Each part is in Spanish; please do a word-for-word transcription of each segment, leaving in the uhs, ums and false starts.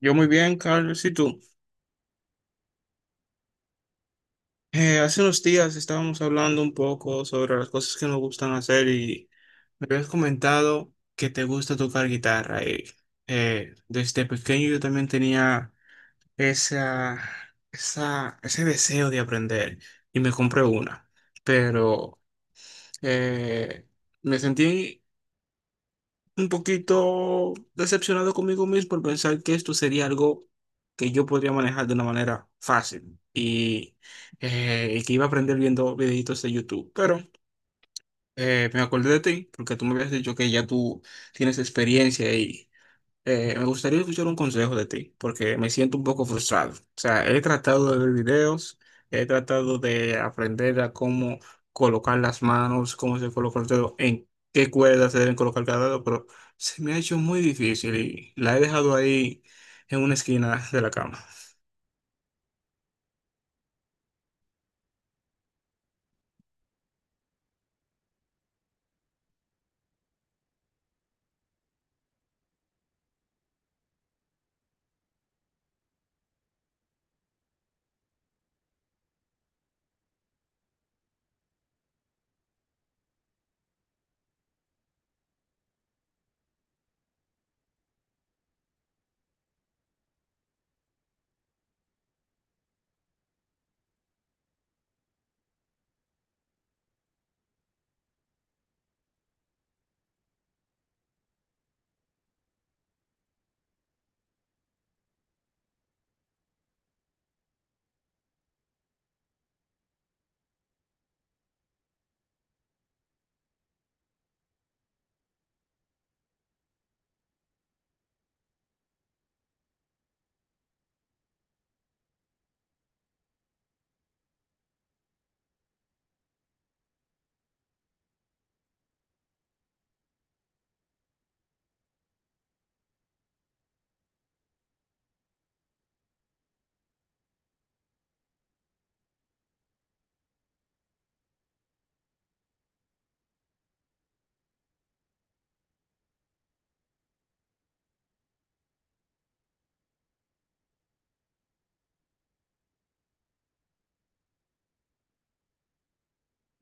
Yo muy bien, Carlos. ¿Y tú? Eh, hace unos días estábamos hablando un poco sobre las cosas que nos gustan hacer y me habías comentado que te gusta tocar guitarra. Y, eh, desde pequeño yo también tenía esa, esa, ese deseo de aprender y me compré una, pero eh, me sentí un poquito decepcionado conmigo mismo por pensar que esto sería algo que yo podría manejar de una manera fácil y, eh, y que iba a aprender viendo videitos de YouTube. Pero eh, me acordé de ti porque tú me habías dicho que ya tú tienes experiencia y eh, me gustaría escuchar un consejo de ti, porque me siento un poco frustrado. O sea, he tratado de ver videos, he tratado de aprender a cómo colocar las manos, cómo se coloca el dedo, en qué cuerdas se deben colocar cada dedo, pero se me ha hecho muy difícil y la he dejado ahí en una esquina de la cama.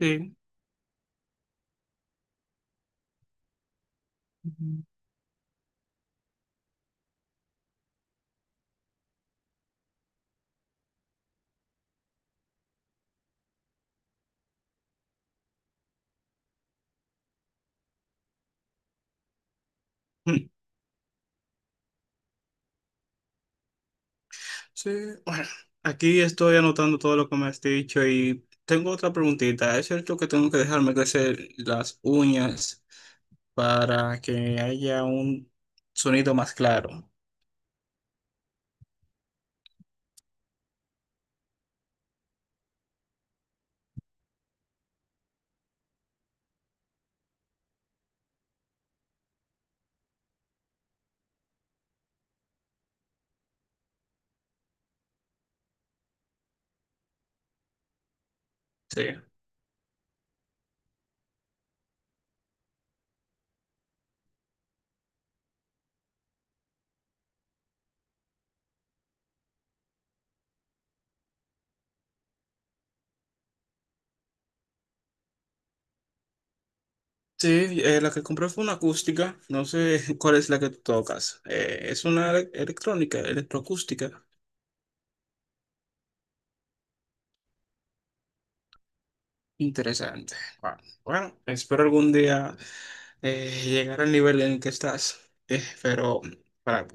Sí. Ujú. Mm. Sí, bueno, aquí estoy anotando todo lo que me has dicho y tengo otra preguntita. ¿Es cierto que tengo que dejarme crecer las uñas para que haya un sonido más claro? Sí. Sí, eh, la que compré fue una acústica. No sé cuál es la que tú tocas. Eh, es una ele- electrónica, electroacústica. Interesante. Bueno, bueno, espero algún día eh, llegar al nivel en el que estás. Eh, pero, para,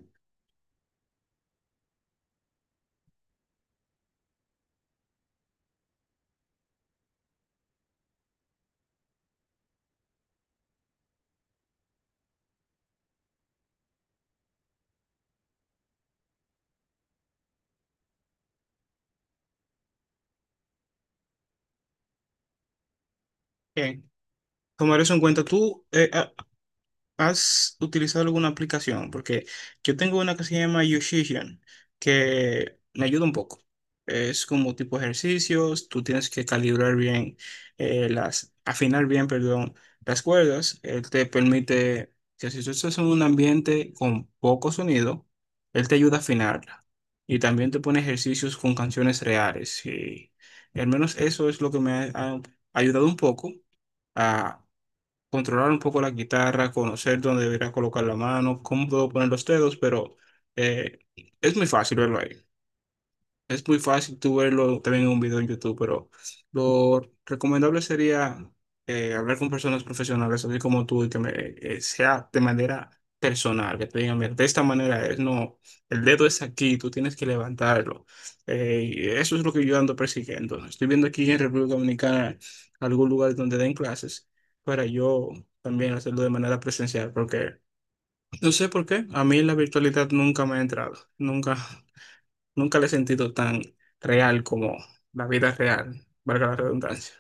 bien, tomar eso en cuenta. Tú, eh, ah, ¿Has utilizado alguna aplicación? Porque yo tengo una que se llama Yoshisian, que me ayuda un poco. Es como tipo ejercicios, tú tienes que calibrar bien, eh, las, afinar bien, perdón, las cuerdas. Él te permite que si tú estás en un ambiente con poco sonido, él te ayuda a afinarla. Y también te pone ejercicios con canciones reales. Y al menos eso es lo que me ha ha ayudado un poco a controlar un poco la guitarra, conocer dónde debería colocar la mano, cómo puedo poner los dedos, pero eh, es muy fácil verlo ahí. Es muy fácil tú verlo también en un video en YouTube, pero lo recomendable sería eh, hablar con personas profesionales, así como tú, y que me, eh, sea de manera personal, que te digan, "Mira, de esta manera es, no, el dedo es aquí, tú tienes que levantarlo". Eh, y eso es lo que yo ando persiguiendo. Estoy viendo aquí en República Dominicana algún lugar donde den clases para yo también hacerlo de manera presencial, porque no sé por qué, a mí la virtualidad nunca me ha entrado, nunca. Nunca la he sentido tan real como la vida real, valga la redundancia.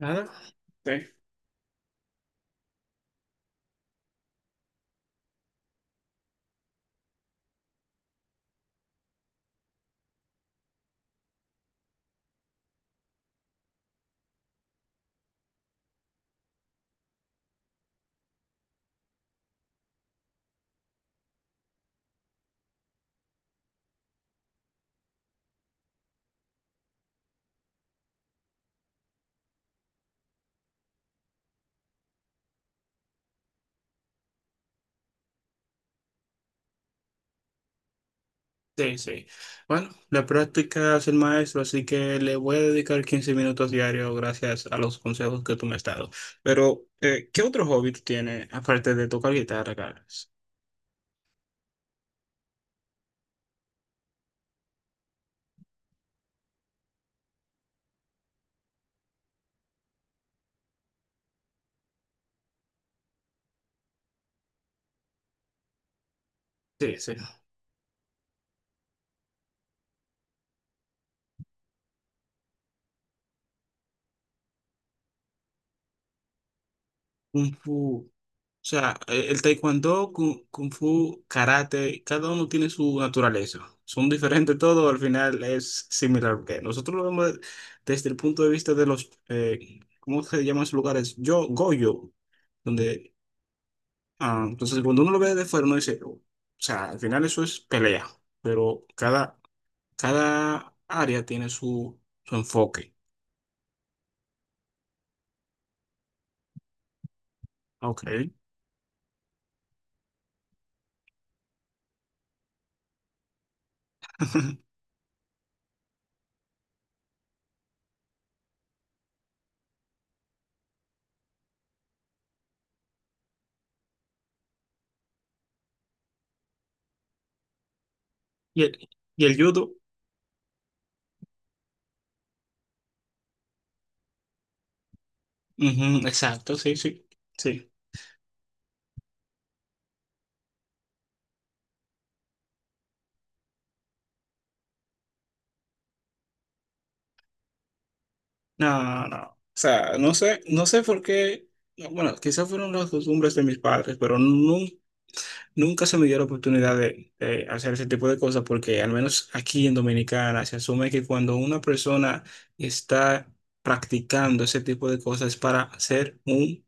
Nada. Sí, sí, sí. Bueno, la práctica es el maestro, así que le voy a dedicar quince minutos diarios gracias a los consejos que tú me has dado. Pero, eh, ¿qué otro hobby tú tienes aparte de tocar guitarra, Carlos? Sí, sí. un pu- O sea, eh, el taekwondo, kung, kung fu, karate, cada uno tiene su naturaleza. Son diferentes todo, al final es similar, porque nosotros lo vemos desde el punto de vista de los, eh, ¿cómo se llaman esos lugares? Yo, Goyo, donde, ah, entonces cuando uno lo ve de fuera, uno dice, "Oh, o sea, al final eso es pelea, pero cada, cada área tiene su, su enfoque". Ok. Y el, y el judo, ujú, exacto, sí, sí, sí. No, no. O sea, no sé, no sé por qué. No, bueno, quizás fueron las costumbres de mis padres, pero nun- nunca se me dio la oportunidad de, de hacer ese tipo de cosas, porque al menos aquí en Dominicana se asume que cuando una persona está practicando ese tipo de cosas es para ser un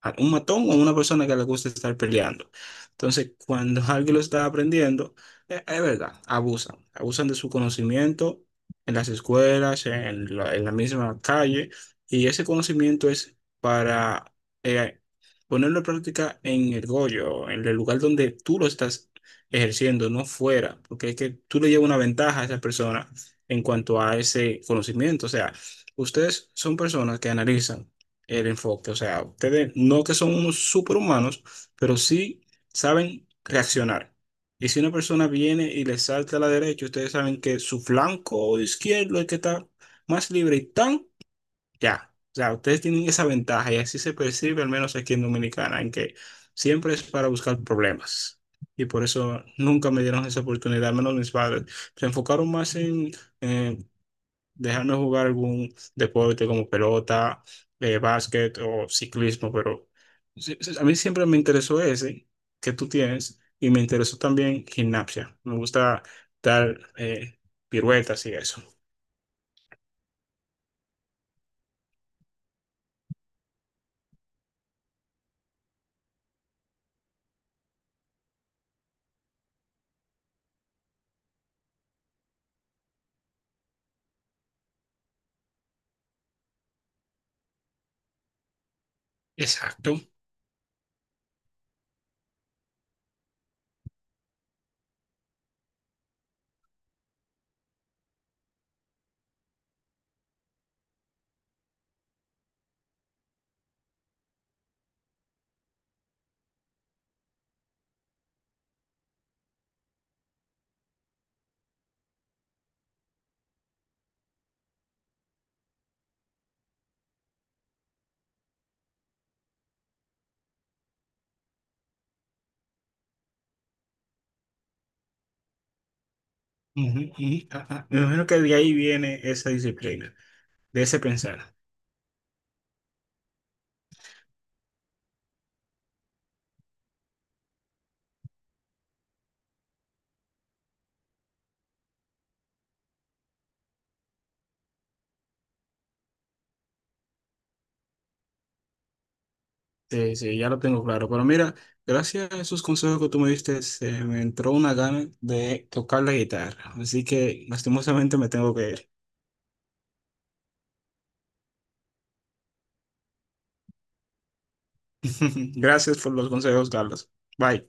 a un matón o a una persona que le gusta estar peleando. Entonces, cuando alguien lo está aprendiendo, eh, es verdad, abusan, abusan de su conocimiento en las escuelas, en la, en la misma calle, y ese conocimiento es para eh, ponerlo en práctica en el goyo, en el lugar donde tú lo estás ejerciendo, no fuera, porque es que tú le llevas una ventaja a esa persona en cuanto a ese conocimiento. O sea, ustedes son personas que analizan el enfoque. O sea, ustedes no que son unos superhumanos, pero sí saben reaccionar. Y si una persona viene y le salta a la derecha, ustedes saben que su flanco izquierdo es el que está más libre y tan ya. O sea, ustedes tienen esa ventaja y así se percibe, al menos aquí en Dominicana, en que siempre es para buscar problemas. Y por eso nunca me dieron esa oportunidad, al menos mis padres. Se enfocaron más en, eh, dejarnos jugar algún deporte como pelota, eh, básquet o ciclismo, pero sí- sí, a mí siempre me interesó ese que tú tienes y me interesó también gimnasia. Me gusta dar eh, piruetas y eso. Exacto. Ujú, ujú, ajá. Me imagino que de ahí viene esa disciplina, de ese pensar. Sí, sí, ya lo tengo claro. Pero mira, gracias a esos consejos que tú me diste, se me entró una gana de tocar la guitarra. Así que lastimosamente me tengo que ir. Gracias por los consejos, Carlos. Bye.